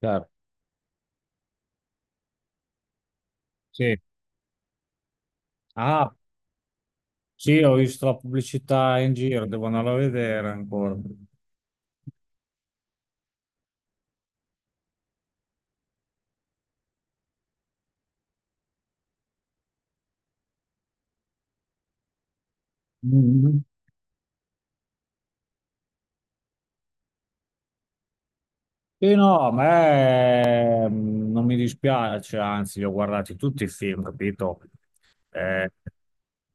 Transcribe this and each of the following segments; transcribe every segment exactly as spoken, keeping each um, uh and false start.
Chiaro. Sì. Ah, sì, ho visto la pubblicità in giro, devo andare a vedere ancora. Mhm. Sì, no, a me mm, non mi dispiace, anzi, li ho guardati tutti i film, capito? Eh,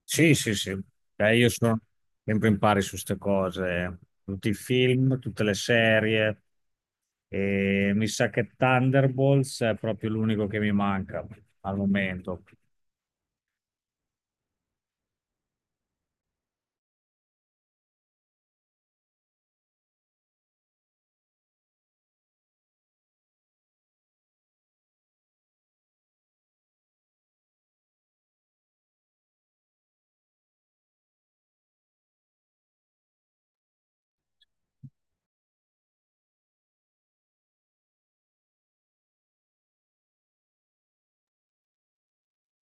sì, sì, sì. Eh, io sono sempre in pari su queste cose, tutti i film, tutte le serie, e mi sa che Thunderbolts è proprio l'unico che mi manca al momento.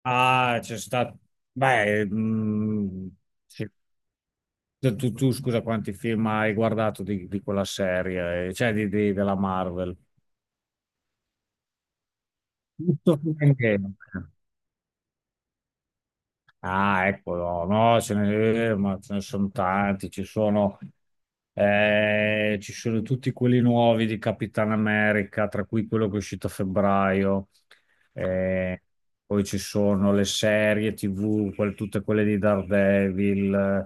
Ah, c'è stato. Beh, mm, sì. Tu, tu- tu, scusa, quanti film hai guardato di, di quella serie, eh, cioè di, di- della Marvel? Tutto. Ah, eccolo, no, ce ne, ma ce ne sono tanti, ci sono, eh, ci sono tutti quelli nuovi di Capitan America, tra cui quello che è uscito a febbraio, eh, poi ci sono le serie T V, quel- tutte quelle di Daredevil, eh,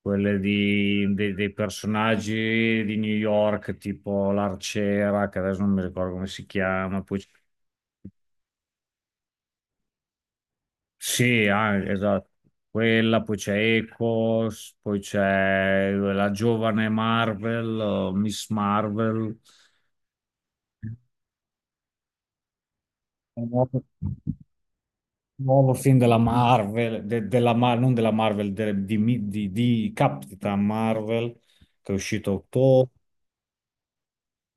quelle di- dei dei personaggi di New York, tipo l'Arciera, che adesso non mi ricordo come si chiama, poi sì, anche, esatto. Quella, poi c'è Echoes, poi c'è la giovane Marvel, o Miss Marvel, un nuovo, nuovo film della Marvel, de- della Mar- non della Marvel, de- di, Mi- di, di Capitan Marvel, che è uscito a ottobre.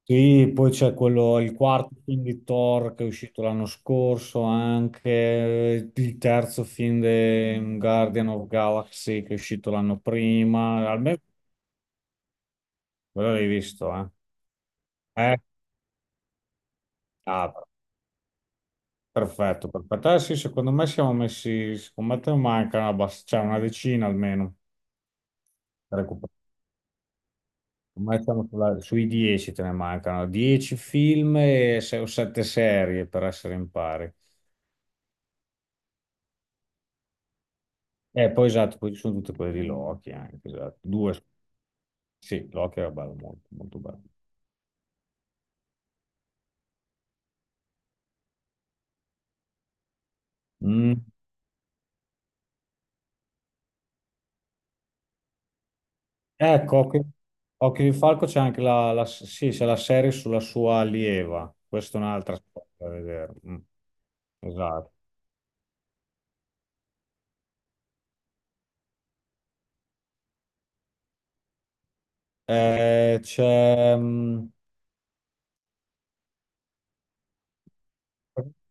Sì, poi c'è quello, il quarto film di Thor che è uscito l'anno scorso, anche il terzo film di Guardian of Galaxy che è uscito l'anno prima. Almeno quello l'hai visto, eh? Eh, ah, perfetto, perfetto. Eh sì, secondo me siamo messi, secondo me te ne manca una, bas- cioè una decina almeno da recuperare. Secondo me siamo sulla- sui dieci te ne mancano, dieci film e se- o sette serie per essere in pari. E poi esatto, poi ci sono tutte quelle di Loki anche, esatto. Due, sì, Loki era bello, molto, molto bello. Mm. Ecco, Occhio Occhio di Falco c'è anche la, la- sì, c'è la serie sulla sua allieva. Questa è un'altra storia da vedere. Mm, esatto. Eh, c'è mm,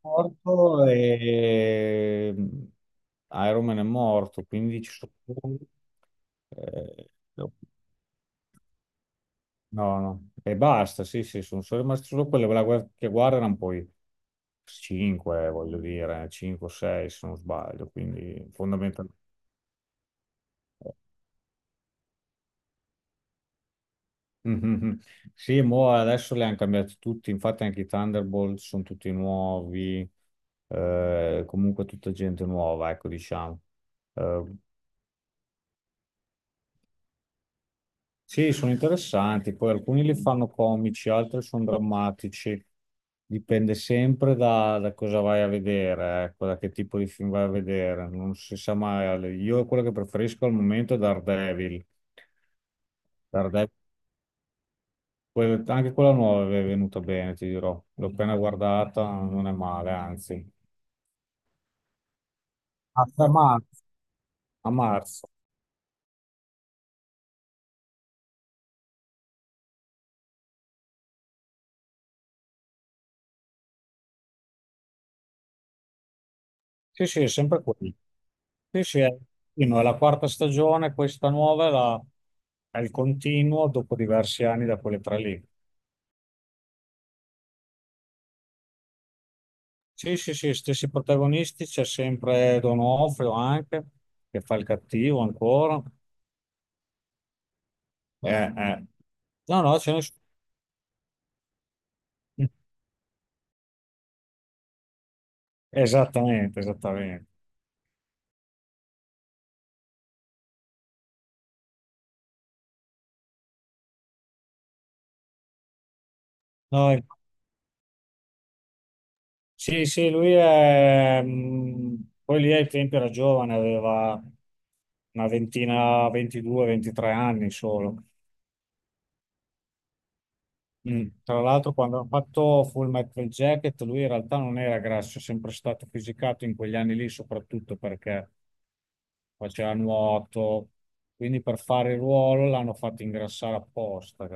morto e mm, Iron Man è morto, quindi ci sono... eh, no, no, e basta, sì, sì, sono solo rimaste solo quelle quella guer- che guardano poi cinque, voglio dire, cinque o sei se non sbaglio, quindi fondamentalmente... Mhm. Sì, mo adesso li hanno cambiati tutti, infatti anche i Thunderbolt sono tutti nuovi, eh, comunque tutta gente nuova, ecco, diciamo. Eh, sì, sono interessanti, poi alcuni li fanno comici, altri sono drammatici, dipende sempre da, da cosa vai a vedere, ecco, da che tipo di film vai a vedere, non si sa mai. Io quello che preferisco al momento è Daredevil. Daredevil Quella- anche quella nuova è venuta bene, ti dirò. L'ho appena guardata, non è male, anzi. A tre marzo. A marzo. Sì, sì, è sempre quella. Sì, sì, è, sì, no, è la quarta stagione, questa nuova è, la- è il continuo dopo diversi anni da quelle tre lì. Sì, sì, sì, stessi protagonisti, c'è sempre Donofrio anche, che fa il cattivo ancora. Eh, eh. No, no, ce ne sono. Esattamente, esattamente. No, sì, sì, lui è... mh, Poi lì ai tempi era giovane, aveva una ventina, ventidue, ventitré anni solo. Mm. Tra l'altro, quando hanno fatto Full Metal Jacket, lui in realtà non era grasso, è sempre stato fisicato in quegli anni lì, soprattutto perché faceva nuoto. Quindi per fare il ruolo l'hanno fatto ingrassare apposta.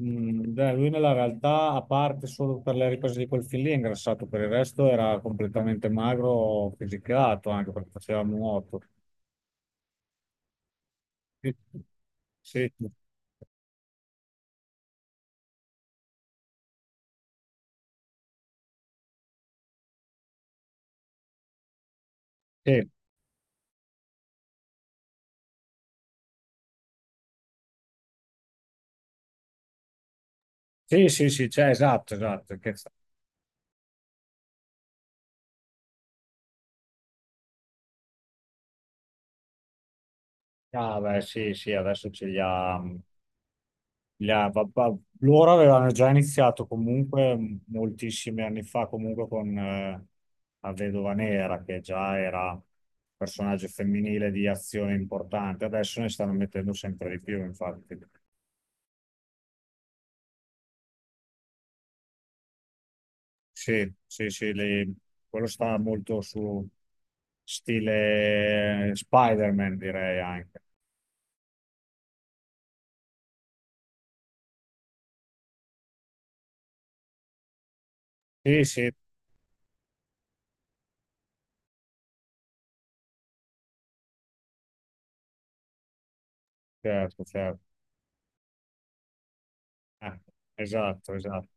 Mm, beh, lui nella realtà, a parte solo per le riprese di quel film lì, è ingrassato, per il resto era completamente magro, fisicato, anche perché faceva nuoto. Sì, sì, sì, sì, sì, sì, cioè, esatto, esatto. che- Ah, beh, sì, sì, adesso ce li ha. mm, Yeah, va- va- loro avevano già iniziato comunque m- moltissimi anni fa, comunque con eh, la Vedova Nera, che già era un personaggio femminile di azione importante. Adesso ne stanno mettendo sempre di più, infatti. Sì, sì, sì, le- quello sta molto su stile Spider-Man, direi anche. Sì, sì, certo, certo. Eh, esatto, esatto.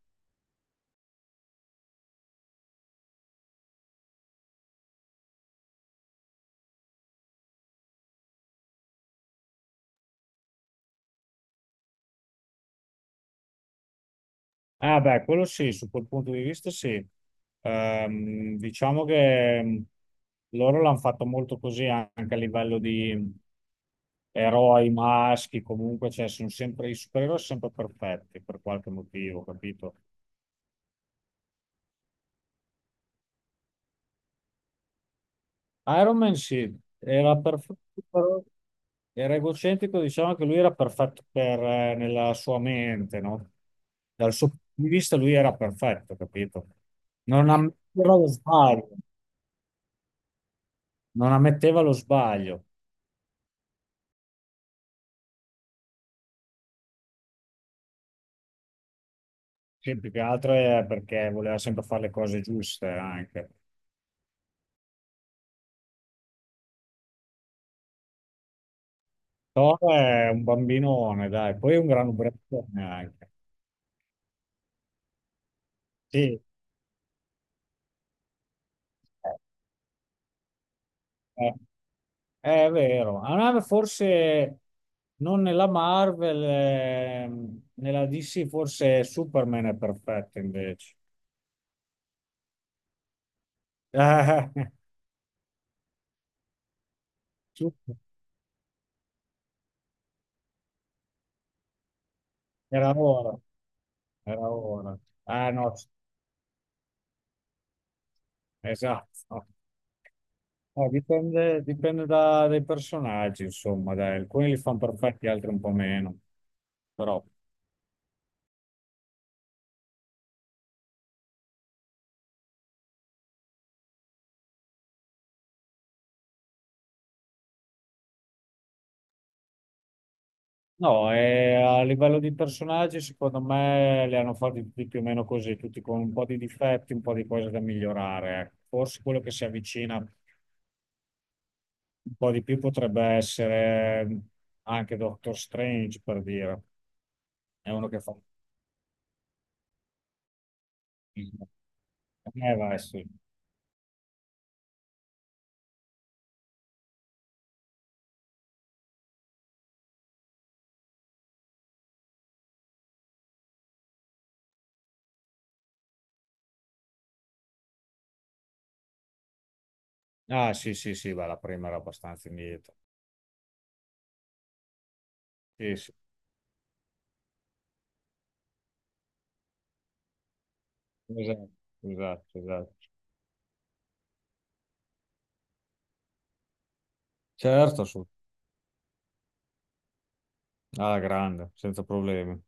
Ah, beh, quello sì, su quel punto di vista sì. Ehm, diciamo che mh, loro l'hanno fatto molto così anche a livello di eroi maschi, comunque, cioè sono sempre, i supereroi sono sempre perfetti per qualche motivo, capito? Iron Man sì, era perfetto, però era egocentrico, diciamo che lui era perfetto per, eh, nella sua mente, no? Dal suo punto di vista lui era perfetto, capito? Non ammetteva lo sbaglio. Non ammetteva lo sbaglio, che più che altro è perché voleva sempre fare le cose giuste anche. Thor è un bambinone, dai, poi è un gran ubriacone anche. Sì, eh, eh, è vero. A me forse non nella Marvel, ehm, nella D C forse Superman è perfetto invece. Eh, Super- Era ora, era ora. Ah no, esatto. Eh, dipende, dipende da- dai personaggi, insomma, dai, alcuni li fanno perfetti, altri un po' meno. Però, no, eh, a livello di personaggi, secondo me li hanno fatti tutti più o meno così, tutti con un po' di difetti, un po' di cose da migliorare. Ecco. Forse quello che si avvicina un po' di più potrebbe essere anche Doctor Strange, per dire. È uno che fa... Eh, vai, sì. Ah, sì, sì, sì, beh, la prima era abbastanza indietro. Sì, sì, esatto, esatto, esatto. Certo, su. Alla grande, senza problemi.